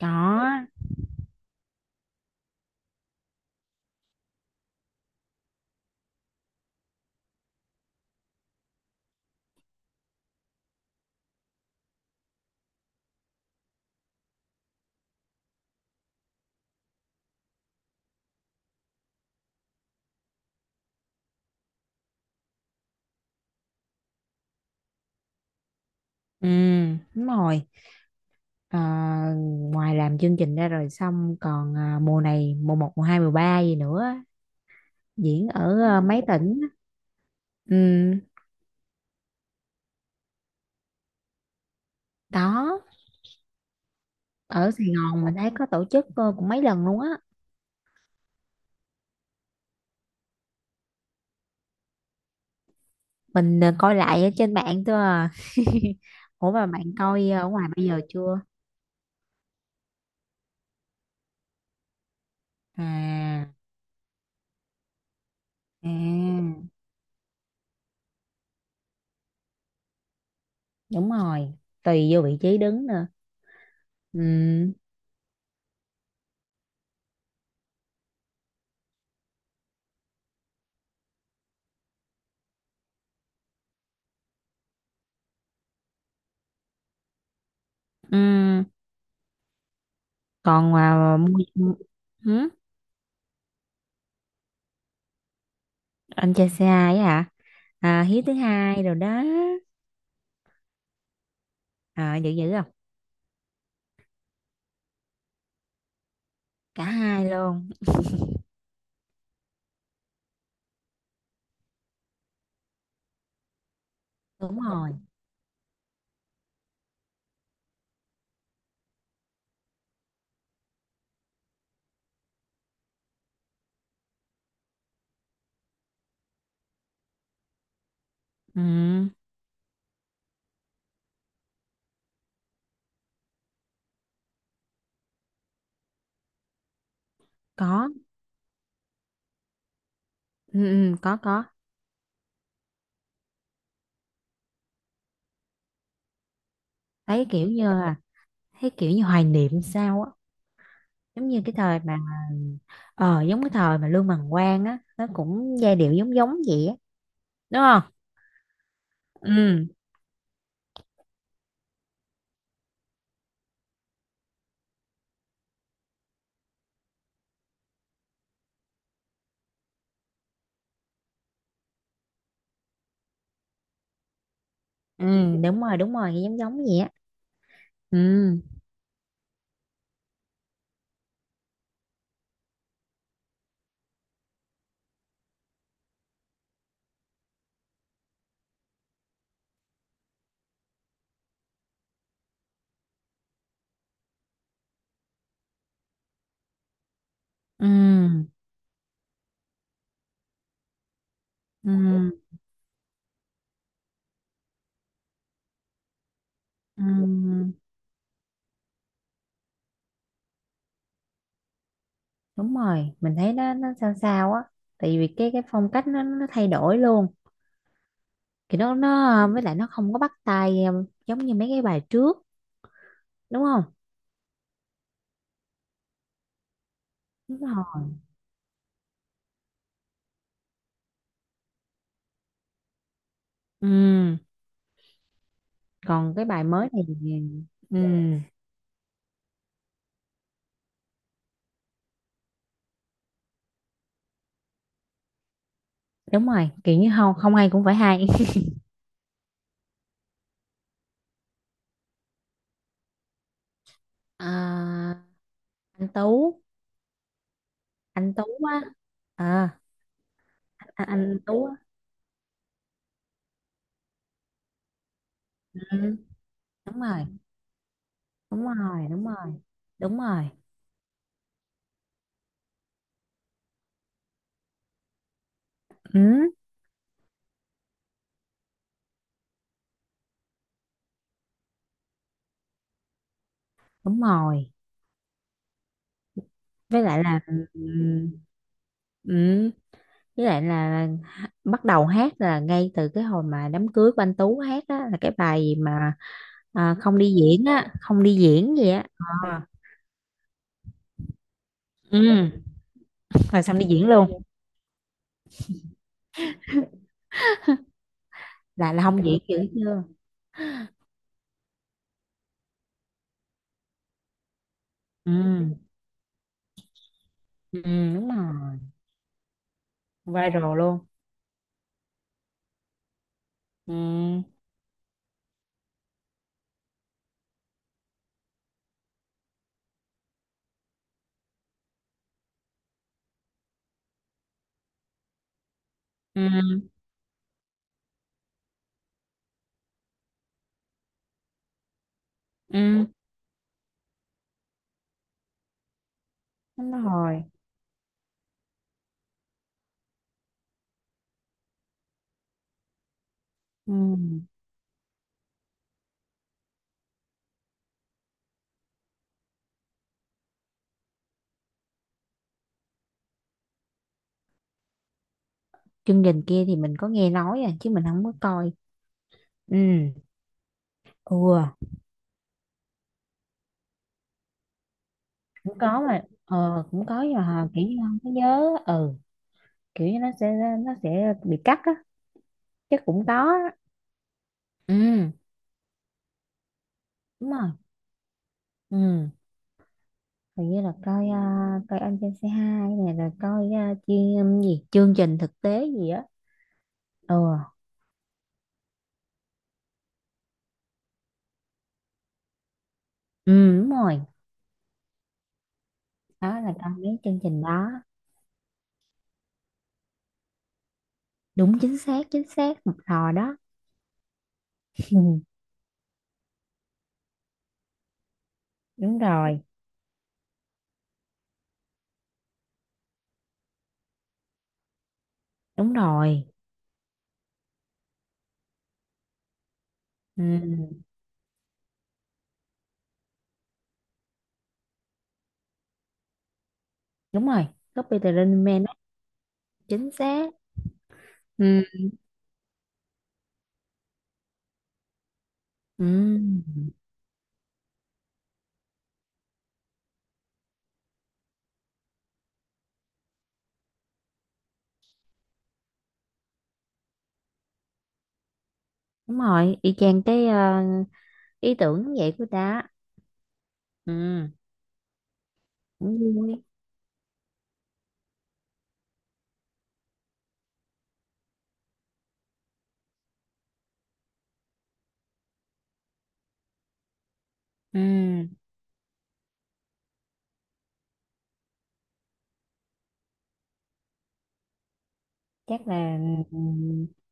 Có. Ừ, đúng rồi. Ờ, ngoài làm chương trình ra rồi xong còn mùa này mùa một mùa 2 mùa 3 gì nữa, diễn ở mấy tỉnh. Ừ, đó. Ở Sài Gòn mình thấy có tổ chức cũng mấy lần luôn á. Mình coi lại ở trên mạng thôi à. Ủa mà bạn coi ở ngoài bây giờ chưa? À, à, đúng rồi. Tùy vô vị trí đứng nữa. Ừ. Ừ. Còn mà mua anh chơi xe hai á hả. À, Hiếu thứ hai rồi đó. À, dữ dữ không? Cả hai luôn. Đúng rồi. Ừ, có. Ừ, ừ, có có. thấy kiểu như là Thấy kiểu như hoài niệm sao á. giống như cái thời mà Giống cái thời mà Lương Bằng Quang á, nó cũng giai điệu giống giống vậy á, đúng không? Ừ. Ừ, đúng rồi. Đúng rồi, giống giống vậy á. Ừ. Ừ. Ừ. Ừ, đúng rồi, mình thấy nó sao sao á, tại vì cái phong cách nó thay đổi luôn, thì nó với lại nó không có bắt tai, giống như mấy cái bài trước, đúng không? Đúng rồi. Ừ, còn cái bài mới này. Ừ, đúng rồi, kiểu như không không hay cũng phải hay. À, anh Tú. Anh Tú á. À, anh Tú á. Ừ, đúng rồi. Đúng rồi. Đúng rồi. Đúng rồi. Ừ, đúng rồi, với lại là. Ừ, ừ, với lại là bắt đầu hát là ngay từ cái hồi mà đám cưới của anh Tú hát á, là cái bài gì mà. À, không đi diễn gì á. Ờ. Ừ, rồi xong đi diễn luôn. Là không diễn dữ chưa. Ừ. Ừ, đúng rồi. Viral luôn. Ừ. Ừ. Ừ, đúng rồi. Ừ, chương trình kia thì mình có nghe nói à, chứ mình không có coi. Ừ. Ừ, cũng có mà, cũng có, nhưng mà kiểu như không có nhớ. Ừ, kiểu như nó sẽ bị cắt á, chắc cũng có á. Ừ, đúng rồi. Ừ, hình như là coi coi anh trên xe hai này, rồi coi chuyên gì, chương trình thực tế gì á. Ừ. Ừ, đúng rồi, đó là coi mấy chương trình đó. Đúng, chính xác, chính xác một thò đó. Đúng rồi. Đúng rồi. Ừ, đúng rồi. Copy the Running Man đó, chính xác. Ừ. Ừ, đúng rồi, y chang cái ý tưởng vậy của ta. Ừ, cũng vui. Ừ, chắc là. Ừ,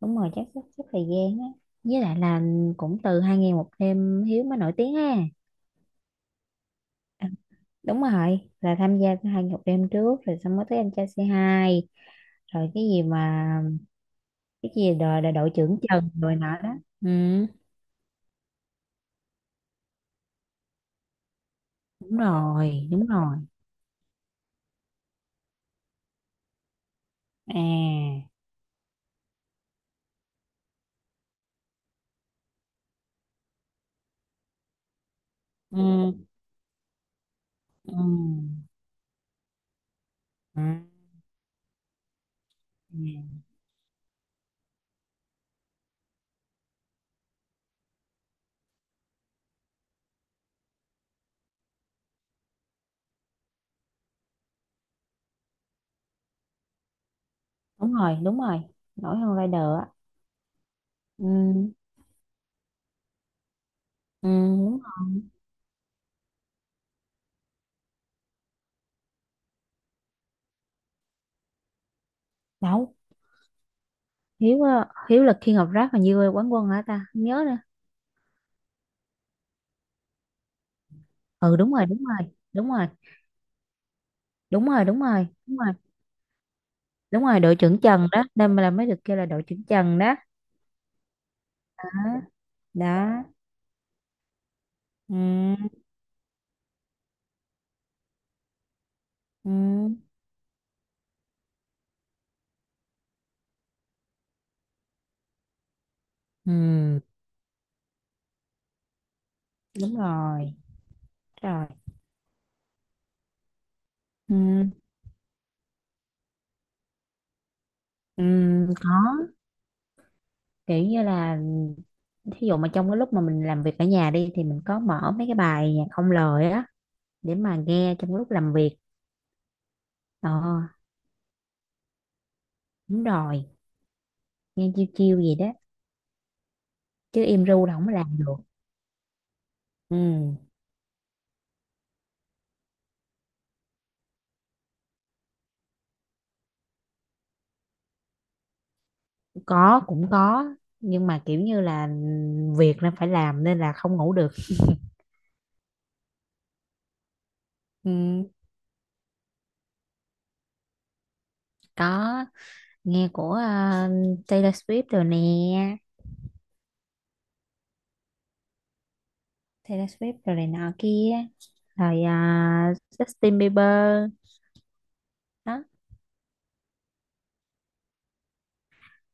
đúng rồi, chắc sắp sắp thời gian á, với lại là cũng từ 2 Ngày 1 Đêm Hiếu mới nổi tiếng ha. Đúng rồi, là tham gia 2 Ngày 1 Đêm trước rồi xong mới tới anh trai c hai, rồi cái gì mà, cái gì đội đội, đội, trưởng Trần rồi nọ đó. Ừ, đúng rồi. Đúng rồi. À. Ừ. Ừ. Ừ. Ừ. Đúng rồi. Đúng rồi, nổi hơn Rider á. Ừ. Ừ, đúng rồi. Đâu, Hiếu á, Hiếu là King of Rap mà, như quán quân hả ta, không nhớ nữa. Ừ, đúng rồi. Đúng rồi. Đúng rồi. Đúng rồi. Đúng rồi. Đúng rồi. Đúng rồi, đội trưởng Trần đó, nên là mới được kêu là đội trưởng Trần đó. Đó, đó. Ừ, ừ, ừ. Đúng rồi. Đúng rồi. Ừ, ừ, có, kiểu như là thí dụ mà trong cái lúc mà mình làm việc ở nhà đi, thì mình có mở mấy cái bài nhạc không lời á, để mà nghe trong lúc làm việc. Ờ, đúng rồi, nghe chiêu chiêu gì đó, chứ im ru là không làm được. Ừ, có, cũng có, nhưng mà kiểu như là việc nên phải làm, nên là không ngủ được. Ừ, có, nghe của Taylor Swift rồi nè. Taylor Swift rồi này nọ kia, rồi Justin Bieber. Đó,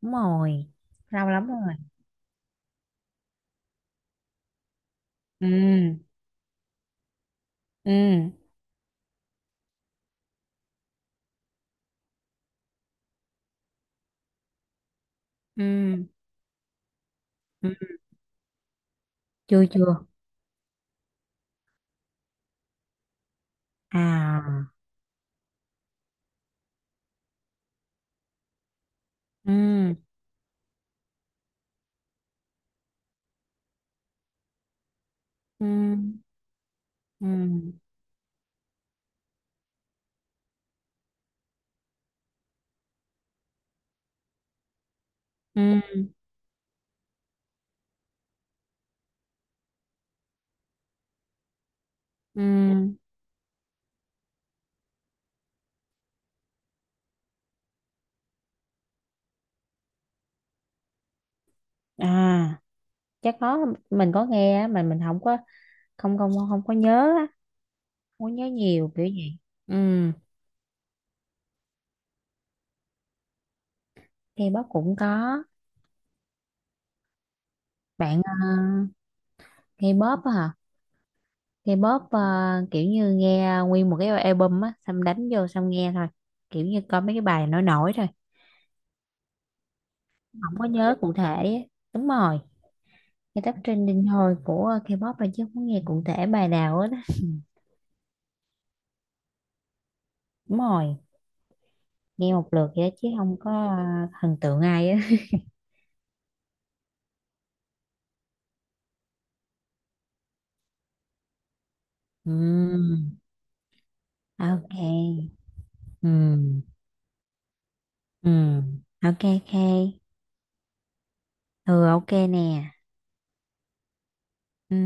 đúng rồi, lâu lắm rồi. Ừ. Ừ. Ừ, ừ. Chưa, chưa. À. Ừ. Ừ. Ừ. Ừ. Ừ. À, chắc có, mình có nghe á, mà mình không có, không không không có nhớ á, không có nhớ nhiều kiểu gì. Ừ, K-pop cũng có, bạn. K-pop á hả. K-pop, kiểu như nghe nguyên một cái album á, xong đánh vô xong nghe thôi, kiểu như coi mấy cái bài nổi nổi thôi. Không có nhớ cụ thể á. Đúng rồi, nghe tóc trending thôi của K-pop, rồi chứ không có nghe cụ thể bài nào hết á. Đúng rồi, nghe một lượt vậy đó, chứ không có thần tượng ai á. Ừ, ok. Ừ. Ừ, ok, ok. Ừ, ok nè. Ừ.